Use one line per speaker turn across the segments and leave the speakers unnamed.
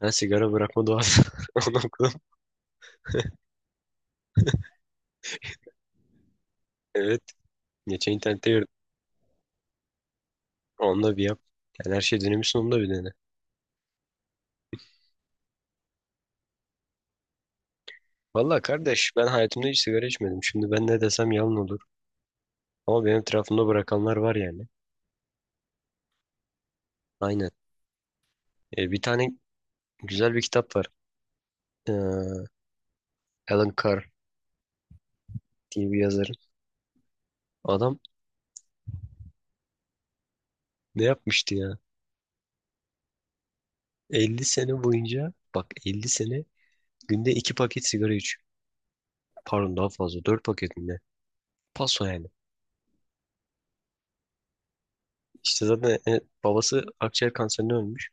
Ha, sigara bırakma duası. Onu okudum. Evet. Geçen internette gördüm. Onunla bir yap. Yani her şey dönemi sonunda bir dene. Valla kardeş ben hayatımda hiç sigara içmedim. Şimdi ben ne desem yalan olur. Ama benim etrafımda bırakanlar var yani. Aynen. Bir tane güzel bir kitap var. Ee, Alan Carr diye bir yazarın. Adam ne yapmıştı ya? 50 sene boyunca bak 50 sene günde 2 paket sigara içiyor. Pardon daha fazla 4 paket mi ne? Paso yani. İşte zaten babası akciğer kanserinden ölmüş.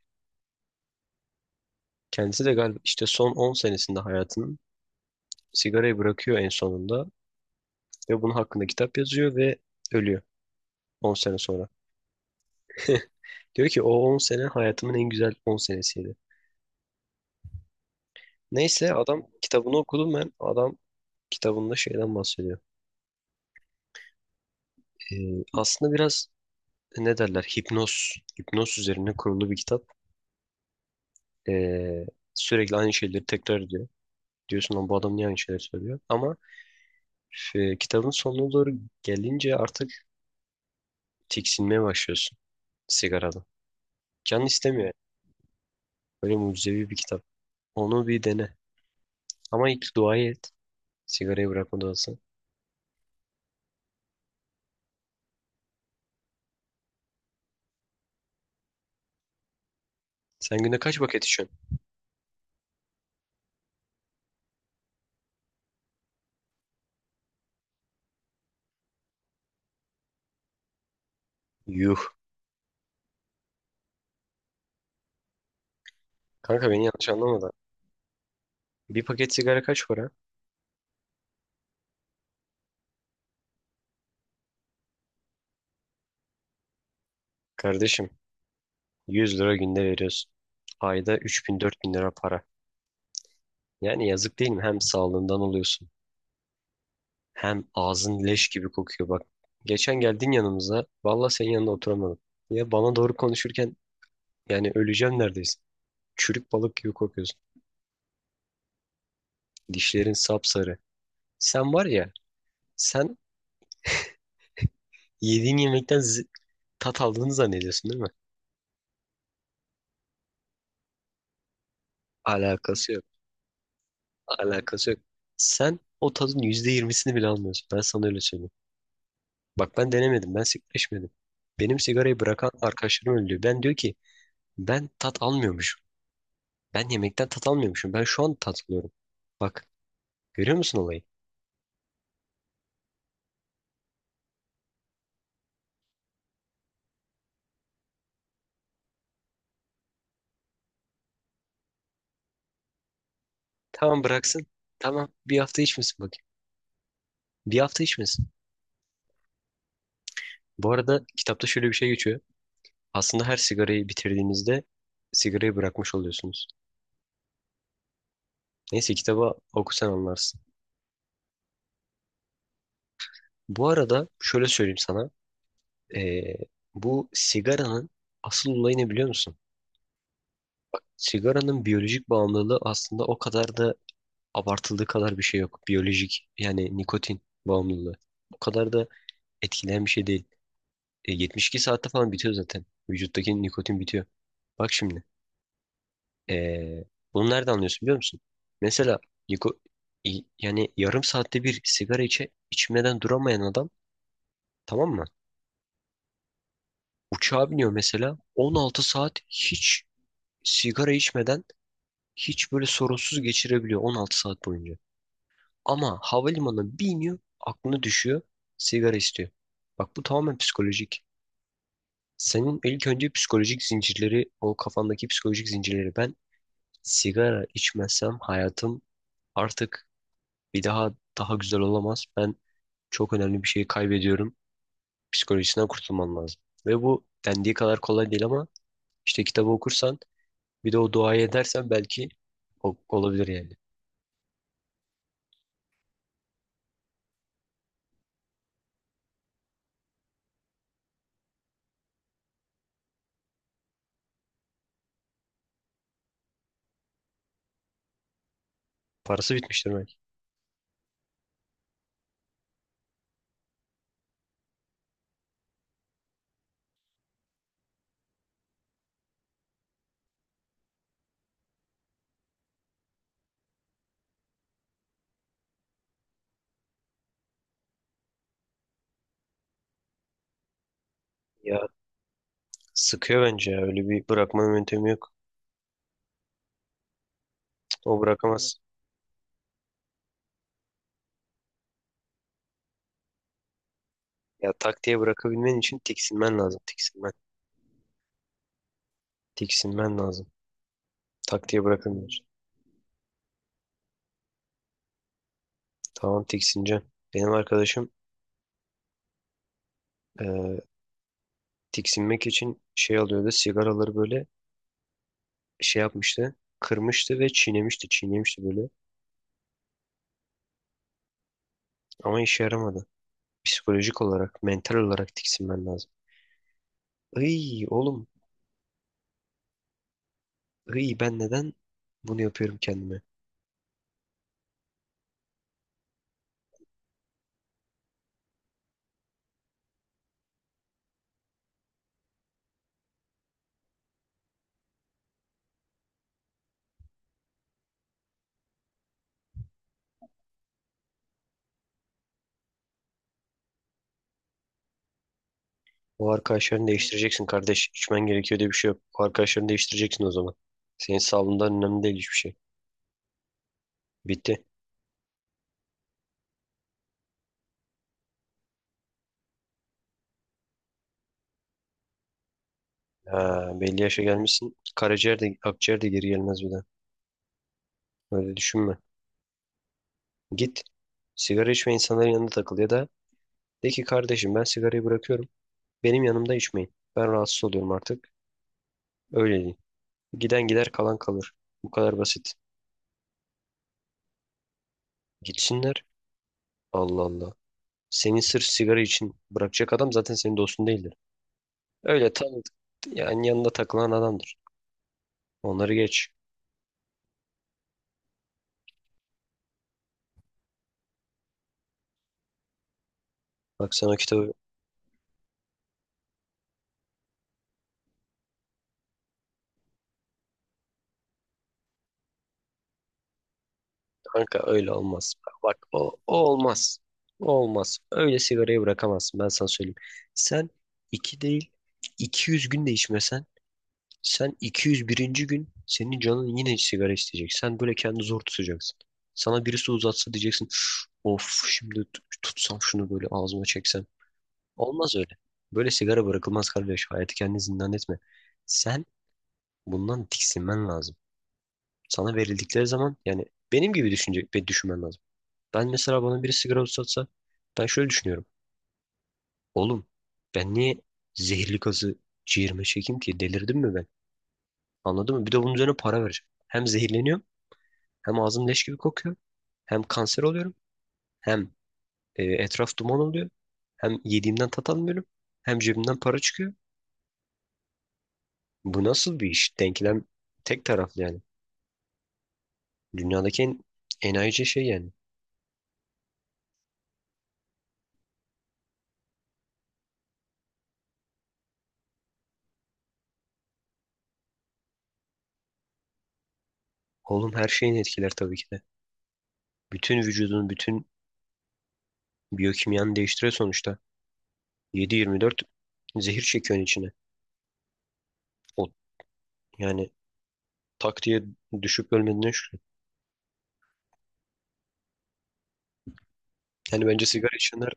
Kendisi de galiba işte son 10 senesinde hayatının sigarayı bırakıyor en sonunda ve bunun hakkında kitap yazıyor ve ölüyor 10 sene sonra. Diyor ki o 10 sene hayatımın en güzel 10 senesiydi. Neyse adam kitabını okudum ben. Adam kitabında şeyden bahsediyor. Aslında biraz ne derler hipnoz, hipnoz üzerine kurulu bir kitap. Ee, Sürekli aynı şeyleri tekrar ediyor. Diyorsun lan bu adam niye aynı şeyleri söylüyor? Ama kitabın sonuna doğru gelince artık tiksinmeye başlıyorsun sigaradan. Can istemiyor. Böyle mucizevi bir kitap. Onu bir dene. Ama ilk duayı et. Sigarayı bırakma duası. Sen günde kaç paket içiyorsun? Yuh. Kanka beni yanlış anlama da. Bir paket sigara kaç para? Kardeşim, 100 lira günde veriyorsun. Ayda 3.000-4.000 lira para. Yani yazık değil mi? Hem sağlığından oluyorsun. Hem ağzın leş gibi kokuyor bak. Geçen geldin yanımıza. Valla senin yanında oturamadım. Ya bana doğru konuşurken yani öleceğim neredeyse. Çürük balık gibi kokuyorsun. Dişlerin sapsarı. Sen var ya sen yediğin yemekten tat aldığını zannediyorsun değil mi? Alakası yok. Alakası yok. Sen o tadın %20'sini bile almıyorsun. Ben sana öyle söyleyeyim. Bak ben denemedim. Ben sigara içmedim. Benim sigarayı bırakan arkadaşlarım öyle diyor. Ben diyor ki ben tat almıyormuşum. Ben yemekten tat almıyormuşum. Ben şu an tat alıyorum. Bak, görüyor musun olayı? Tamam bıraksın. Tamam bir hafta içmesin bakayım. Bir hafta içmesin. Bu arada kitapta şöyle bir şey geçiyor. Aslında her sigarayı bitirdiğinizde sigarayı bırakmış oluyorsunuz. Neyse kitabı okusan anlarsın. Bu arada şöyle söyleyeyim sana. Ee, Bu sigaranın asıl olayı ne biliyor musun? Sigaranın biyolojik bağımlılığı aslında o kadar da abartıldığı kadar bir şey yok. Biyolojik yani nikotin bağımlılığı. O kadar da etkileyen bir şey değil. 72 saatte falan bitiyor zaten. Vücuttaki nikotin bitiyor. Bak şimdi. ee, Bunu nereden anlıyorsun biliyor musun? Mesela niko- yani yarım saatte bir sigara içmeden duramayan adam, tamam mı? Uçağa biniyor mesela 16 saat hiç sigara içmeden hiç böyle sorunsuz geçirebiliyor 16 saat boyunca. Ama havalimanına bir iniyor aklına düşüyor sigara istiyor. Bak bu tamamen psikolojik. Senin ilk önce psikolojik zincirleri, o kafandaki psikolojik zincirleri, ben sigara içmezsem hayatım artık bir daha daha güzel olamaz. Ben çok önemli bir şeyi kaybediyorum. Psikolojisinden kurtulman lazım. Ve bu dendiği kadar kolay değil ama işte kitabı okursan, bir de o duayı edersen belki olabilir yani. Parası bitmiştir belki. Ya sıkıyor bence ya. Öyle bir bırakma yöntemi yok. Cık, o bırakamaz. Ya tak diye bırakabilmen için tiksinmen lazım. Tiksinmen. Tiksinmen lazım. Tak diye bırakamıyorsun. Tamam tiksineceksin. Benim arkadaşım eee, tiksinmek için şey alıyordu. Sigaraları böyle şey yapmıştı. Kırmıştı ve çiğnemişti. Çiğnemişti böyle. Ama işe yaramadı. Psikolojik olarak, mental olarak tiksinmen lazım. Ay oğlum, İyi ben neden bunu yapıyorum kendime? O arkadaşlarını değiştireceksin kardeş. İçmen gerekiyor diye bir şey yok. O arkadaşlarını değiştireceksin o zaman. Senin sağlığından önemli değil hiçbir şey. Bitti. Ha, belli yaşa gelmişsin. Karaciğer de akciğer de geri gelmez bir daha. Öyle düşünme. Git. Sigara içme insanların yanında takıl ya da de ki kardeşim ben sigarayı bırakıyorum. Benim yanımda içmeyin. Ben rahatsız oluyorum artık. Öyle değil. Giden gider kalan kalır. Bu kadar basit. Gitsinler. Allah Allah. Senin sırf sigara için bırakacak adam zaten senin dostun değildi. Öyle tam yani yanında takılan adamdır. Onları geç. Bak sen o kitabı, kanka öyle olmaz. Bak o olmaz. O olmaz. Öyle sigarayı bırakamazsın, ben sana söyleyeyim. Sen iki değil, 200 gün de içmesen, sen 201'inci gün senin canın yine sigara isteyecek. Sen böyle kendini zor tutacaksın. Sana birisi uzatsa diyeceksin of, şimdi tutsam şunu böyle ağzıma çeksem. Olmaz öyle. Böyle sigara bırakılmaz kardeş. Hayatı kendini zindan etme. Sen bundan tiksinmen lazım. Sana verildikleri zaman yani benim gibi düşünecek ve düşünmen lazım. Ben mesela bana biri sigara uzatsa ben şöyle düşünüyorum. Oğlum, ben niye zehirli gazı ciğerime çekeyim ki? Delirdim mi ben? Anladın mı? Bir de bunun üzerine para vereceğim. Hem zehirleniyorum hem ağzım leş gibi kokuyor. Hem kanser oluyorum, hem etraf duman oluyor. Hem yediğimden tat almıyorum. Hem cebimden para çıkıyor. Bu nasıl bir iş? Denklem tek taraflı yani. Dünyadaki en enayice şey yani. Oğlum her şeyin etkiler tabii ki de. Bütün vücudun, bütün biyokimyanı değiştiriyor sonuçta. 7-24 zehir çekiyorsun içine. O, yani tak diye düşüp ölmediğine şükür. Yani bence sigara içenler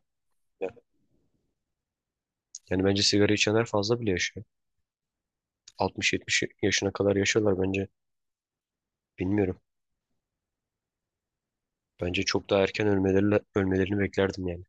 yani bence sigara içenler fazla bile yaşıyor. 60-70 yaşına kadar yaşıyorlar bence. Bilmiyorum. Bence çok daha erken ölmelerini beklerdim yani.